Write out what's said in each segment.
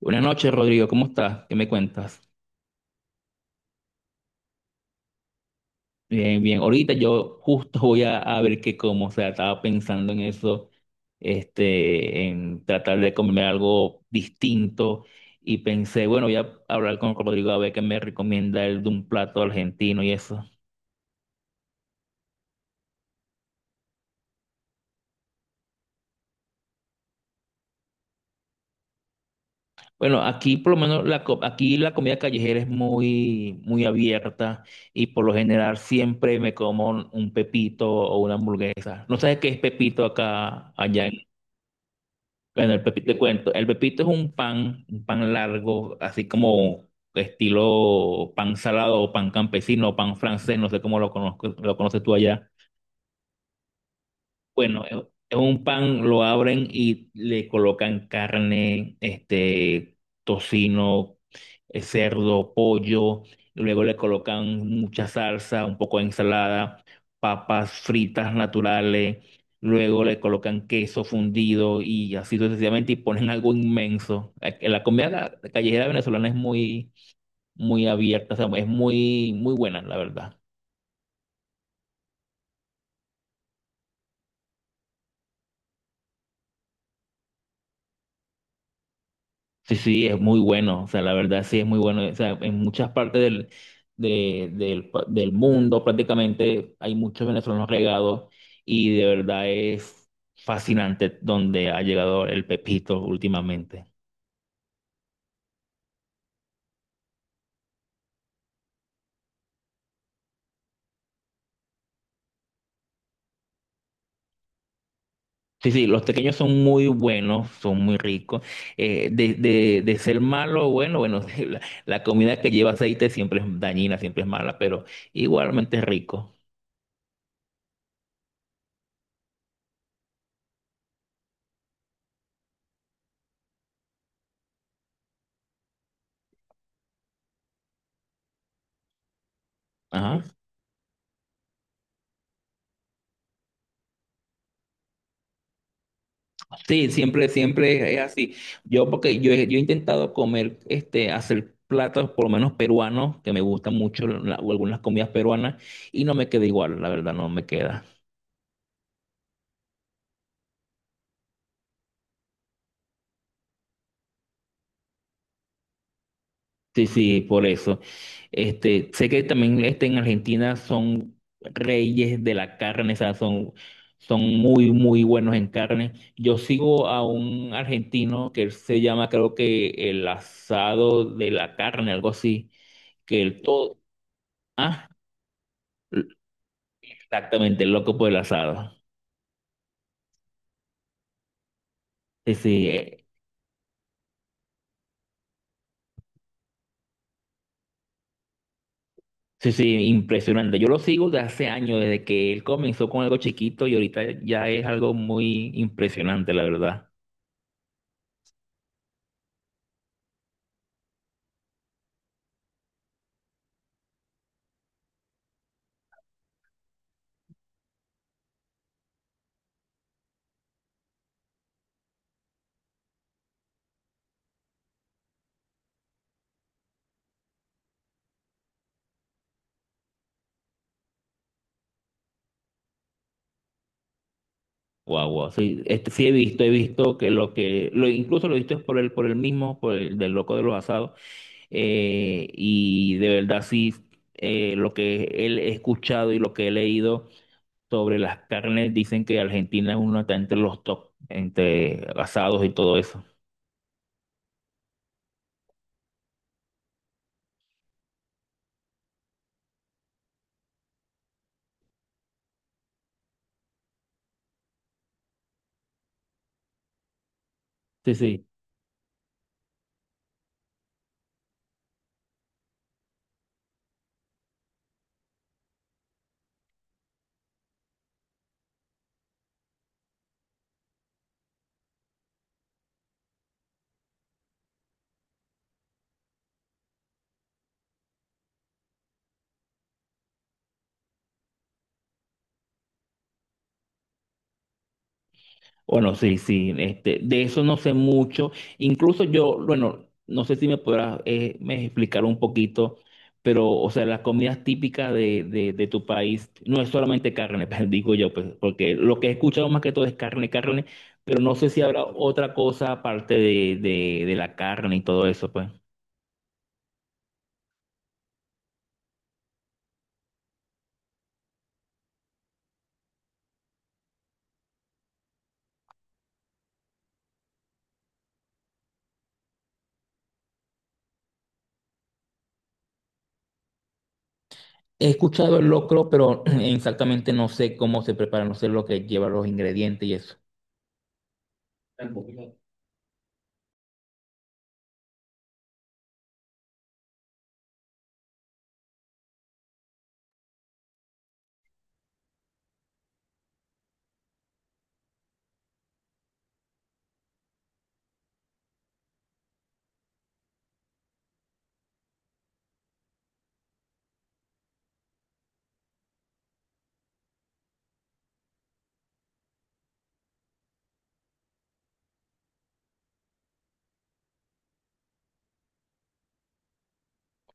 Buenas noches, Rodrigo. ¿Cómo estás? ¿Qué me cuentas? Bien, bien. Ahorita yo justo voy a ver qué como. O sea, estaba pensando en eso, en tratar de comer algo distinto. Y pensé, bueno, voy a hablar con Rodrigo a ver qué me recomienda él de un plato argentino y eso. Bueno, aquí por lo menos aquí la comida callejera es muy, muy abierta y por lo general siempre me como un pepito o una hamburguesa. ¿No sabes qué es pepito acá, allá? Bueno, el pepito, te cuento. El pepito es un pan largo, así como estilo pan salado o pan campesino, o pan francés, no sé cómo lo conozco, lo conoces tú allá. Bueno, es un pan, lo abren y le colocan carne, tocino, cerdo, pollo, luego le colocan mucha salsa, un poco de ensalada, papas fritas naturales, luego le colocan queso fundido y así sucesivamente y ponen algo inmenso. La comida callejera venezolana es muy, muy abierta. O sea, es muy, muy buena, la verdad. Sí, sí, es muy bueno. O sea, la verdad sí es muy bueno. O sea, en muchas partes del, del mundo prácticamente hay muchos venezolanos regados y de verdad es fascinante donde ha llegado el pepito últimamente. Sí, sí, los pequeños son muy buenos, son muy ricos. De ser malo, bueno, bueno, la comida que lleva aceite siempre es dañina, siempre es mala, pero igualmente es rico. Ajá. Sí, siempre, siempre es así. Yo, porque yo, yo he intentado comer, hacer platos por lo menos peruanos, que me gustan mucho o algunas comidas peruanas, y no me queda igual, la verdad, no me queda. Sí, sí, por eso. Este, sé que también este, en Argentina son reyes de la carne. O sea, son muy, muy buenos en carne. Yo sigo a un argentino que él se llama, creo que el asado de la carne, algo así, que el todo. ¿Ah? Exactamente, el loco por el asado. Sí, sí, sí, sí, impresionante. Yo lo sigo desde hace años, desde que él comenzó con algo chiquito y ahorita ya es algo muy impresionante, la verdad. Guau, guau. Sí, este, sí he visto que, lo, incluso lo he visto es por él mismo, por el del loco de los asados. Y de verdad sí, lo que él he escuchado y lo que he leído sobre las carnes, dicen que Argentina es uno está entre los top, entre asados y todo eso. Sí, sí. Bueno, sí, sí, este, de eso no sé mucho. Incluso yo, bueno, no sé si me podrás me explicar un poquito, pero, o sea, las comidas típicas de tu país no es solamente carne, pues, digo yo, pues, porque lo que he escuchado más que todo es carne, carne, pero no sé si habrá otra cosa aparte de la carne y todo eso, pues. He escuchado el locro, pero exactamente no sé cómo se prepara, no sé lo que lleva los ingredientes y eso. Tampoco.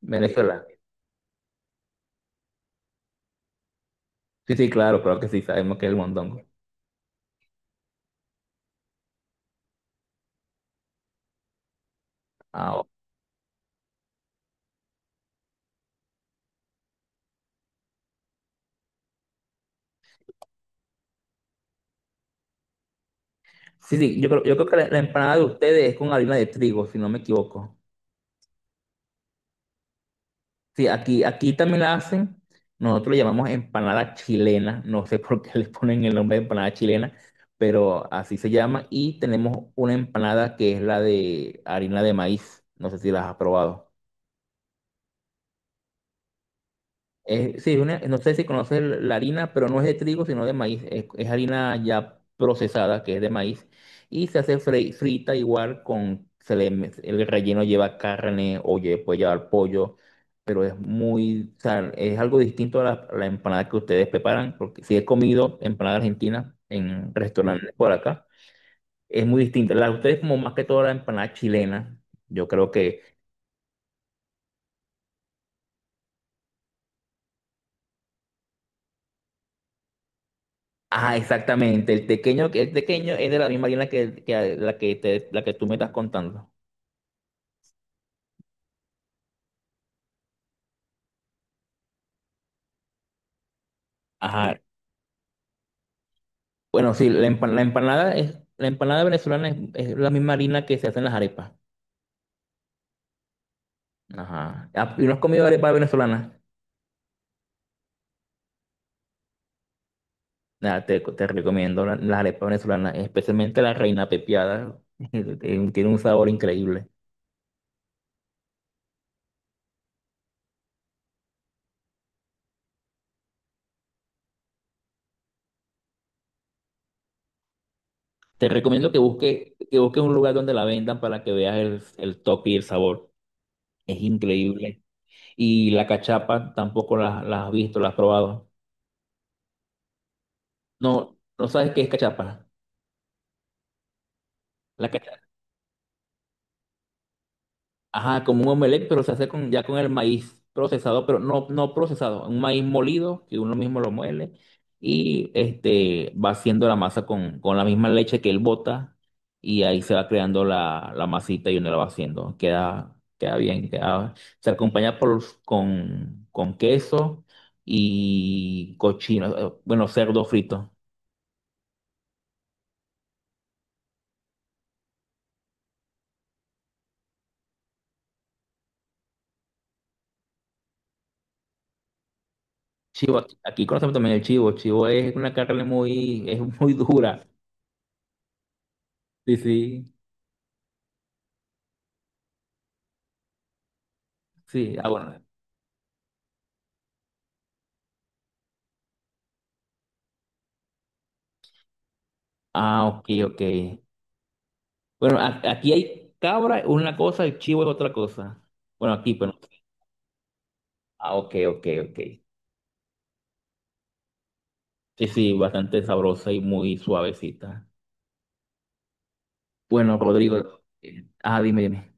Venezuela. Sí, sí, claro, claro que sí, sabemos que es el mondongo. Ah, ok. Sí, sí, yo creo que la empanada de ustedes es con harina de trigo, si no me equivoco. Sí, aquí también la hacen. Nosotros le llamamos empanada chilena. No sé por qué le ponen el nombre de empanada chilena, pero así se llama. Y tenemos una empanada que es la de harina de maíz. No sé si las has probado. Sí, no sé si conoces la harina, pero no es de trigo, sino de maíz. Es harina ya procesada, que es de maíz. Y se hace frita igual con, el relleno lleva carne o puede llevar pollo, pero es muy, o sea, es algo distinto a a la empanada que ustedes preparan, porque si he comido empanada argentina en restaurantes por acá, es muy distinta. La de ustedes como más que toda la empanada chilena, yo creo que… Ah, exactamente. El tequeño, que el tequeño es de la misma harina que la que la que tú me estás contando. Ajá. Bueno, sí, la empanada es, la empanada venezolana es la misma harina que se hacen las arepas. Ajá. Ah, ¿y no has comido arepa venezolana? Nada, te recomiendo las arepas venezolanas, especialmente la reina pepiada. Tiene un sabor increíble. Te recomiendo que busques un lugar donde la vendan para que veas el toque y el sabor. Es increíble. Y la cachapa tampoco la has visto, la has probado. No, no sabes qué es cachapa. La cachapa. Ajá, como un omelette, pero se hace con, ya con el maíz procesado, pero no, no procesado, un maíz molido que uno mismo lo muele y este va haciendo la masa con la misma leche que él bota y ahí se va creando la masita y uno la va haciendo. Queda, queda bien, queda, se acompaña por, con queso y cochino, bueno, cerdo frito. Chivo, aquí conocemos también el chivo. El chivo es una carne muy, es muy dura. Sí, sí, sí. Ah, bueno. Ah, ok, ok. Bueno, aquí hay cabra, una cosa, el chivo es otra cosa. Bueno, aquí, pero… Ah, ok, ok, ok. Sí, sí, bastante sabrosa y muy suavecita. Bueno, Rodrigo. Ah, dime, dime.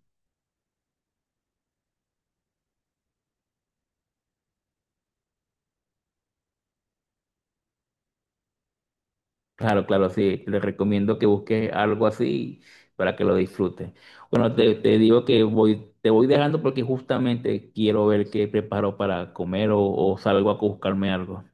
Claro, claro, sí. Le recomiendo que busques algo así para que lo disfrutes. Bueno, te digo que voy, te voy dejando porque justamente quiero ver qué preparo para comer o salgo a buscarme algo.